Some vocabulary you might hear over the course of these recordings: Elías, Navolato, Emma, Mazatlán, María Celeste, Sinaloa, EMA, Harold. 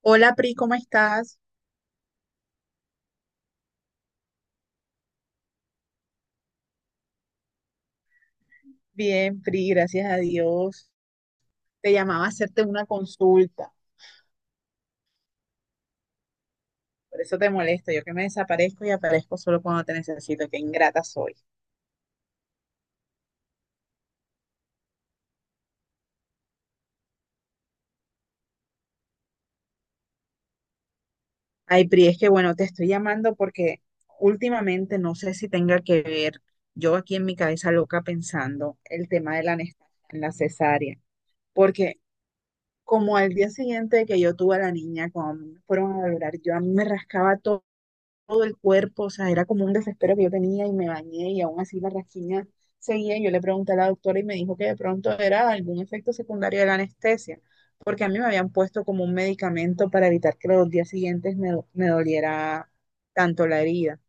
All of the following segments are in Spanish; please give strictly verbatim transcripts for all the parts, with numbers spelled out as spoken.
Hola, Pri, ¿cómo estás? Bien, Pri, gracias a Dios. Te llamaba a hacerte una consulta, por eso te molesto. Yo que me desaparezco y aparezco solo cuando te necesito, qué ingrata soy. Ay, Pri, es que bueno, te estoy llamando porque últimamente no sé si tenga que ver, yo aquí en mi cabeza loca pensando el tema de la anestesia en la cesárea, porque como al día siguiente de que yo tuve a la niña, cuando me fueron a valorar, yo a mí me rascaba todo todo el cuerpo, o sea, era como un desespero que yo tenía y me bañé y aún así la rasquiña seguía. Yo le pregunté a la doctora y me dijo que de pronto era algún efecto secundario de la anestesia, porque a mí me habían puesto como un medicamento para evitar que los días siguientes me, do- me doliera tanto la herida.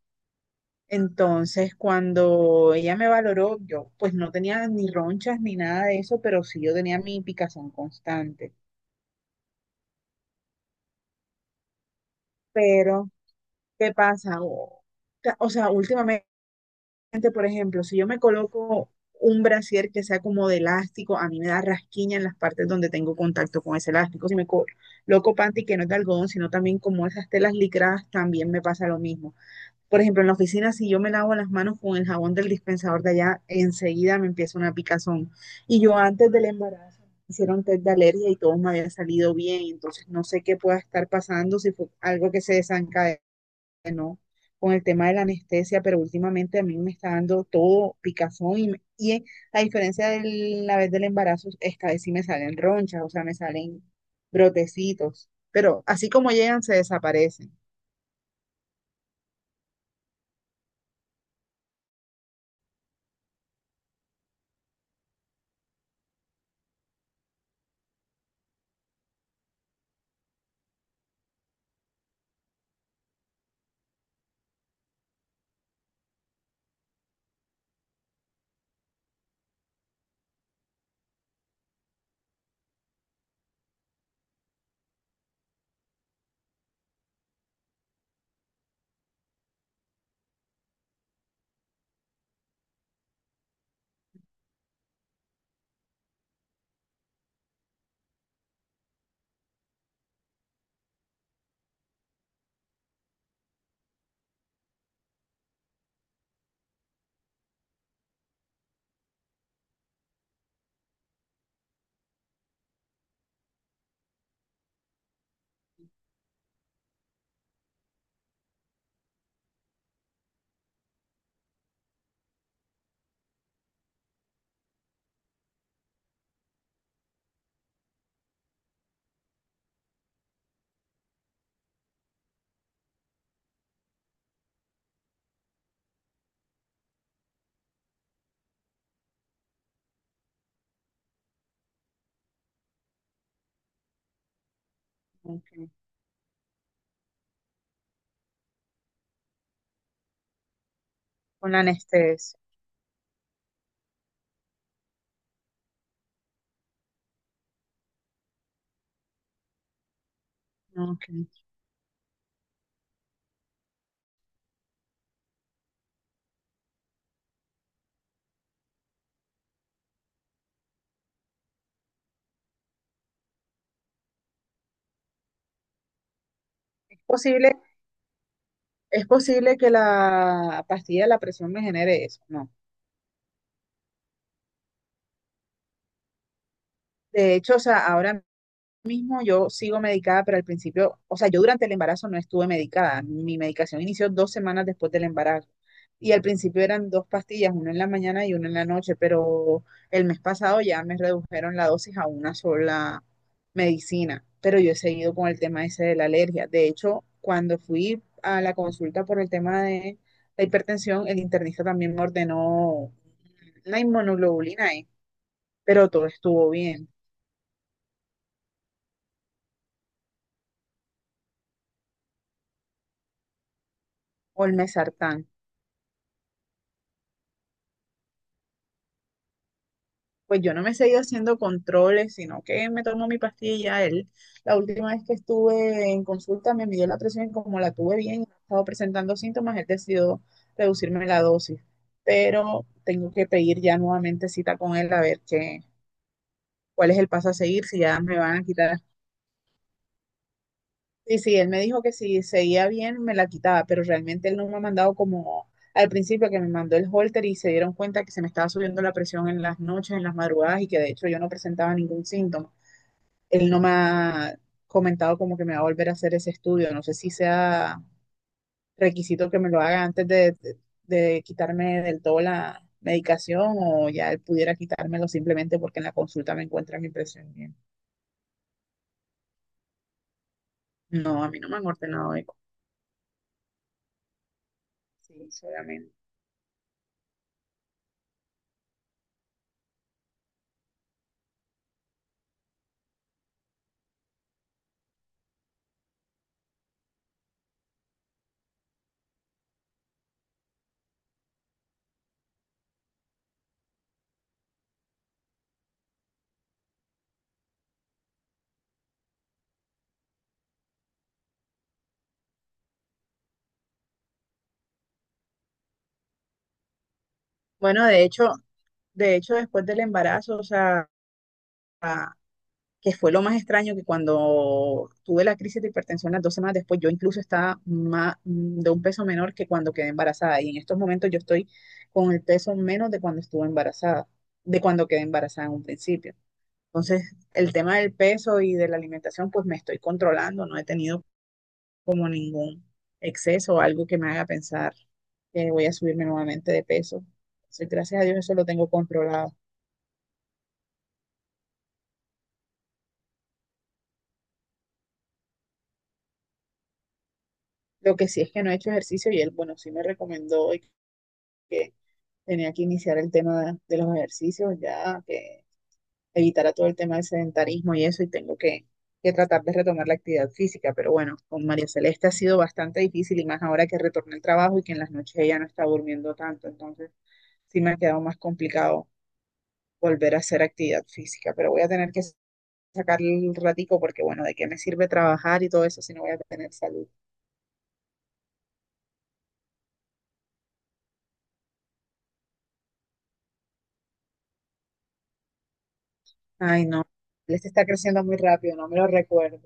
Entonces, cuando ella me valoró, yo pues no tenía ni ronchas ni nada de eso, pero sí yo tenía mi picazón constante. Pero ¿qué pasa? O, o sea, últimamente, por ejemplo, si yo me coloco un brasier que sea como de elástico, a mí me da rasquiña en las partes donde tengo contacto con ese elástico. Si me coloco panty que no es de algodón, sino también como esas telas licradas, también me pasa lo mismo. Por ejemplo, en la oficina, si yo me lavo las manos con el jabón del dispensador de allá, enseguida me empieza una picazón. Y yo antes del embarazo me hicieron test de alergia y todo me había salido bien, entonces no sé qué pueda estar pasando, si fue algo que se desencadenó, ¿no? Con el tema de la anestesia, pero últimamente a mí me está dando todo picazón y, me- y eh, a diferencia de la vez del embarazo, esta vez sí me salen ronchas, o sea, me salen brotecitos, pero así como llegan, se desaparecen. Ok. Con la anestesia. Ok. Es posible, es posible que la pastilla de la presión me genere eso, ¿no? De hecho, o sea, ahora mismo yo sigo medicada, pero al principio, o sea, yo durante el embarazo no estuve medicada. Mi medicación inició dos semanas después del embarazo. Y al principio eran dos pastillas, una en la mañana y una en la noche, pero el mes pasado ya me redujeron la dosis a una sola medicina. Pero yo he seguido con el tema ese de la alergia. De hecho, cuando fui a la consulta por el tema de la hipertensión, el internista también me ordenó la inmunoglobulina E, pero todo estuvo bien, o el mesartán. Pues yo no me he seguido haciendo controles, sino que me tomo mi pastilla. Él, la última vez que estuve en consulta, me midió la presión y como la tuve bien y no estaba presentando síntomas, él decidió reducirme la dosis. Pero tengo que pedir ya nuevamente cita con él a ver qué, cuál es el paso a seguir, si ya me van a quitar. Y sí, él me dijo que si seguía bien, me la quitaba, pero realmente él no me ha mandado como al principio que me mandó el holter y se dieron cuenta que se me estaba subiendo la presión en las noches, en las madrugadas y que de hecho yo no presentaba ningún síntoma. Él no me ha comentado como que me va a volver a hacer ese estudio. No sé si sea requisito que me lo haga antes de, de- de quitarme del todo la medicación o ya él pudiera quitármelo simplemente porque en la consulta me encuentran mi presión bien. No, a mí no me han ordenado eco. Sí, solamente. Bueno, de hecho, de hecho, después del embarazo, o sea, que fue lo más extraño que cuando tuve la crisis de hipertensión las dos semanas después, yo incluso estaba más, mm, de un peso menor que cuando quedé embarazada. Y en estos momentos yo estoy con el peso menos de cuando estuve embarazada, de cuando quedé embarazada en un principio. Entonces, el tema del peso y de la alimentación, pues me estoy controlando, no he tenido como ningún exceso o algo que me haga pensar que voy a subirme nuevamente de peso. Entonces, gracias a Dios eso lo tengo controlado. Lo que sí es que no he hecho ejercicio y él, bueno, sí me recomendó hoy que tenía que iniciar el tema de, de los ejercicios, ya que evitara todo el tema del sedentarismo y eso, y tengo que, que tratar de retomar la actividad física. Pero bueno, con María Celeste ha sido bastante difícil y más ahora que retorné al trabajo y que en las noches ella no está durmiendo tanto, entonces sí me ha quedado más complicado volver a hacer actividad física, pero voy a tener que sacar el ratico porque bueno, ¿de qué me sirve trabajar y todo eso si no voy a tener salud? Ay, no, Celeste está creciendo muy rápido, no me lo recuerdo.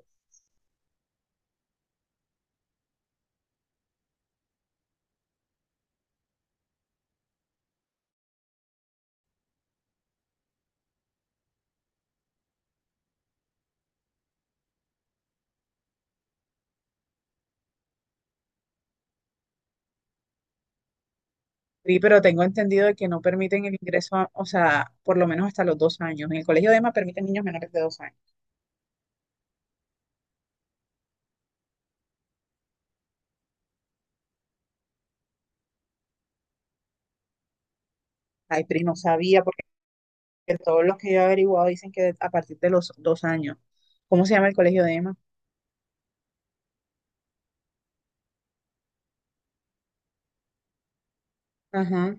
Sí, pero tengo entendido de que no permiten el ingreso, a- o sea, por lo menos hasta los dos años. En el colegio de Ema permiten niños menores de dos años. Ay, Pri, no sabía, porque todos los que yo he averiguado dicen que de- a partir de los dos años. ¿Cómo se llama el colegio de Ema? Ajá.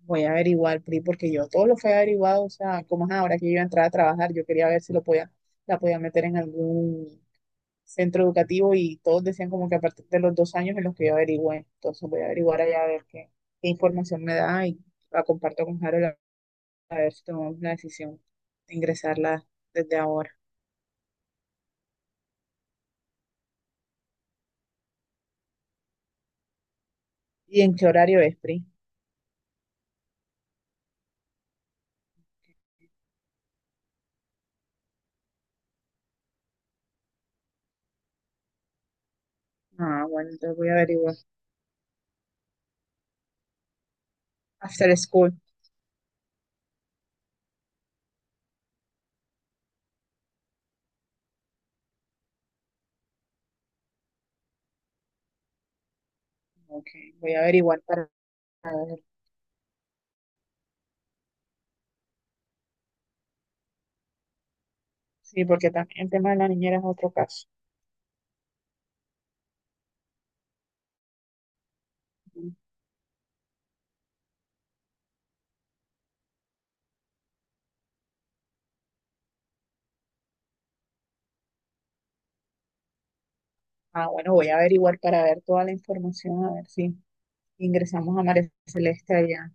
Voy a averiguar, Pri, porque yo todo lo fue averiguado, o sea, como es ahora que yo iba a entrar a trabajar, yo quería ver si lo podía, la podía meter en algún centro educativo y todos decían como que a partir de los dos años en los que yo averigüé. Entonces voy a averiguar allá a ver qué, qué información me da y la comparto con Harold a ver si tomamos la decisión de ingresarla desde ahora. ¿Y en qué horario es, Pri? Ah, bueno, entonces voy a averiguar. After school. Ok, voy a averiguar para ver. Sí, porque también el tema de la niñera es otro caso. Ujú. Ah, bueno, voy a averiguar para ver toda la información, a ver si ingresamos a María Celeste allá.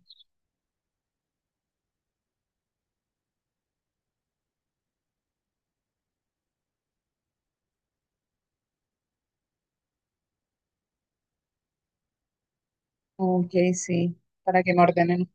Ok, sí, para que me ordenen.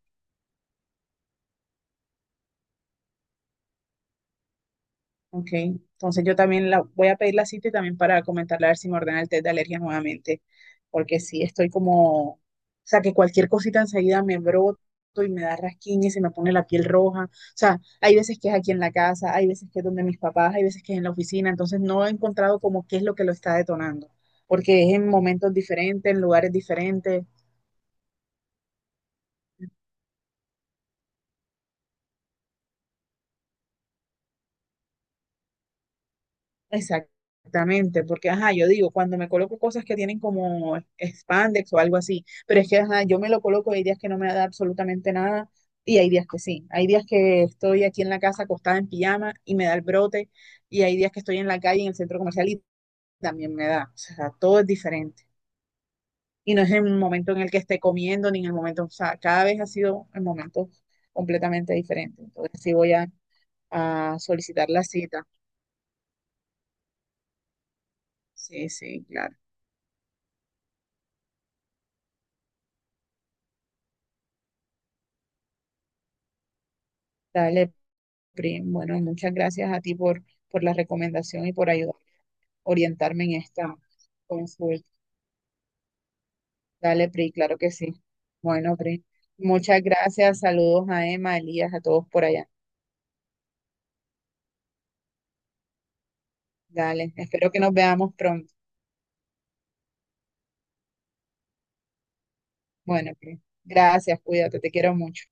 Ok, entonces yo también la, voy a pedir la cita y también para comentarle a ver si me ordena el test de alergia nuevamente, porque sí estoy como, o sea, que cualquier cosita enseguida me broto y me da rasquiña y se me pone la piel roja. O sea, hay veces que es aquí en la casa, hay veces que es donde mis papás, hay veces que es en la oficina, entonces no he encontrado como qué es lo que lo está detonando, porque es en momentos diferentes, en lugares diferentes. Exactamente, porque ajá, yo digo, cuando me coloco cosas que tienen como spandex o algo así, pero es que ajá, yo me lo coloco, hay días que no me da absolutamente nada y hay días que sí. Hay días que estoy aquí en la casa acostada en pijama y me da el brote y hay días que estoy en la calle, en el centro comercial y también me da. O sea, todo es diferente. Y no es en el momento en el que esté comiendo ni en el momento, o sea, cada vez ha sido el momento completamente diferente. Entonces sí voy a, a solicitar la cita. Sí, sí, claro. Dale, Prim. Bueno, muchas gracias a ti por, por la recomendación y por ayudar, orientarme en esta consulta. Dale, Pri, claro que sí. Bueno, Pri, muchas gracias. Saludos a Emma, a Elías, a todos por allá. Dale, espero que nos veamos pronto. Bueno, Pri, gracias, cuídate, te quiero mucho.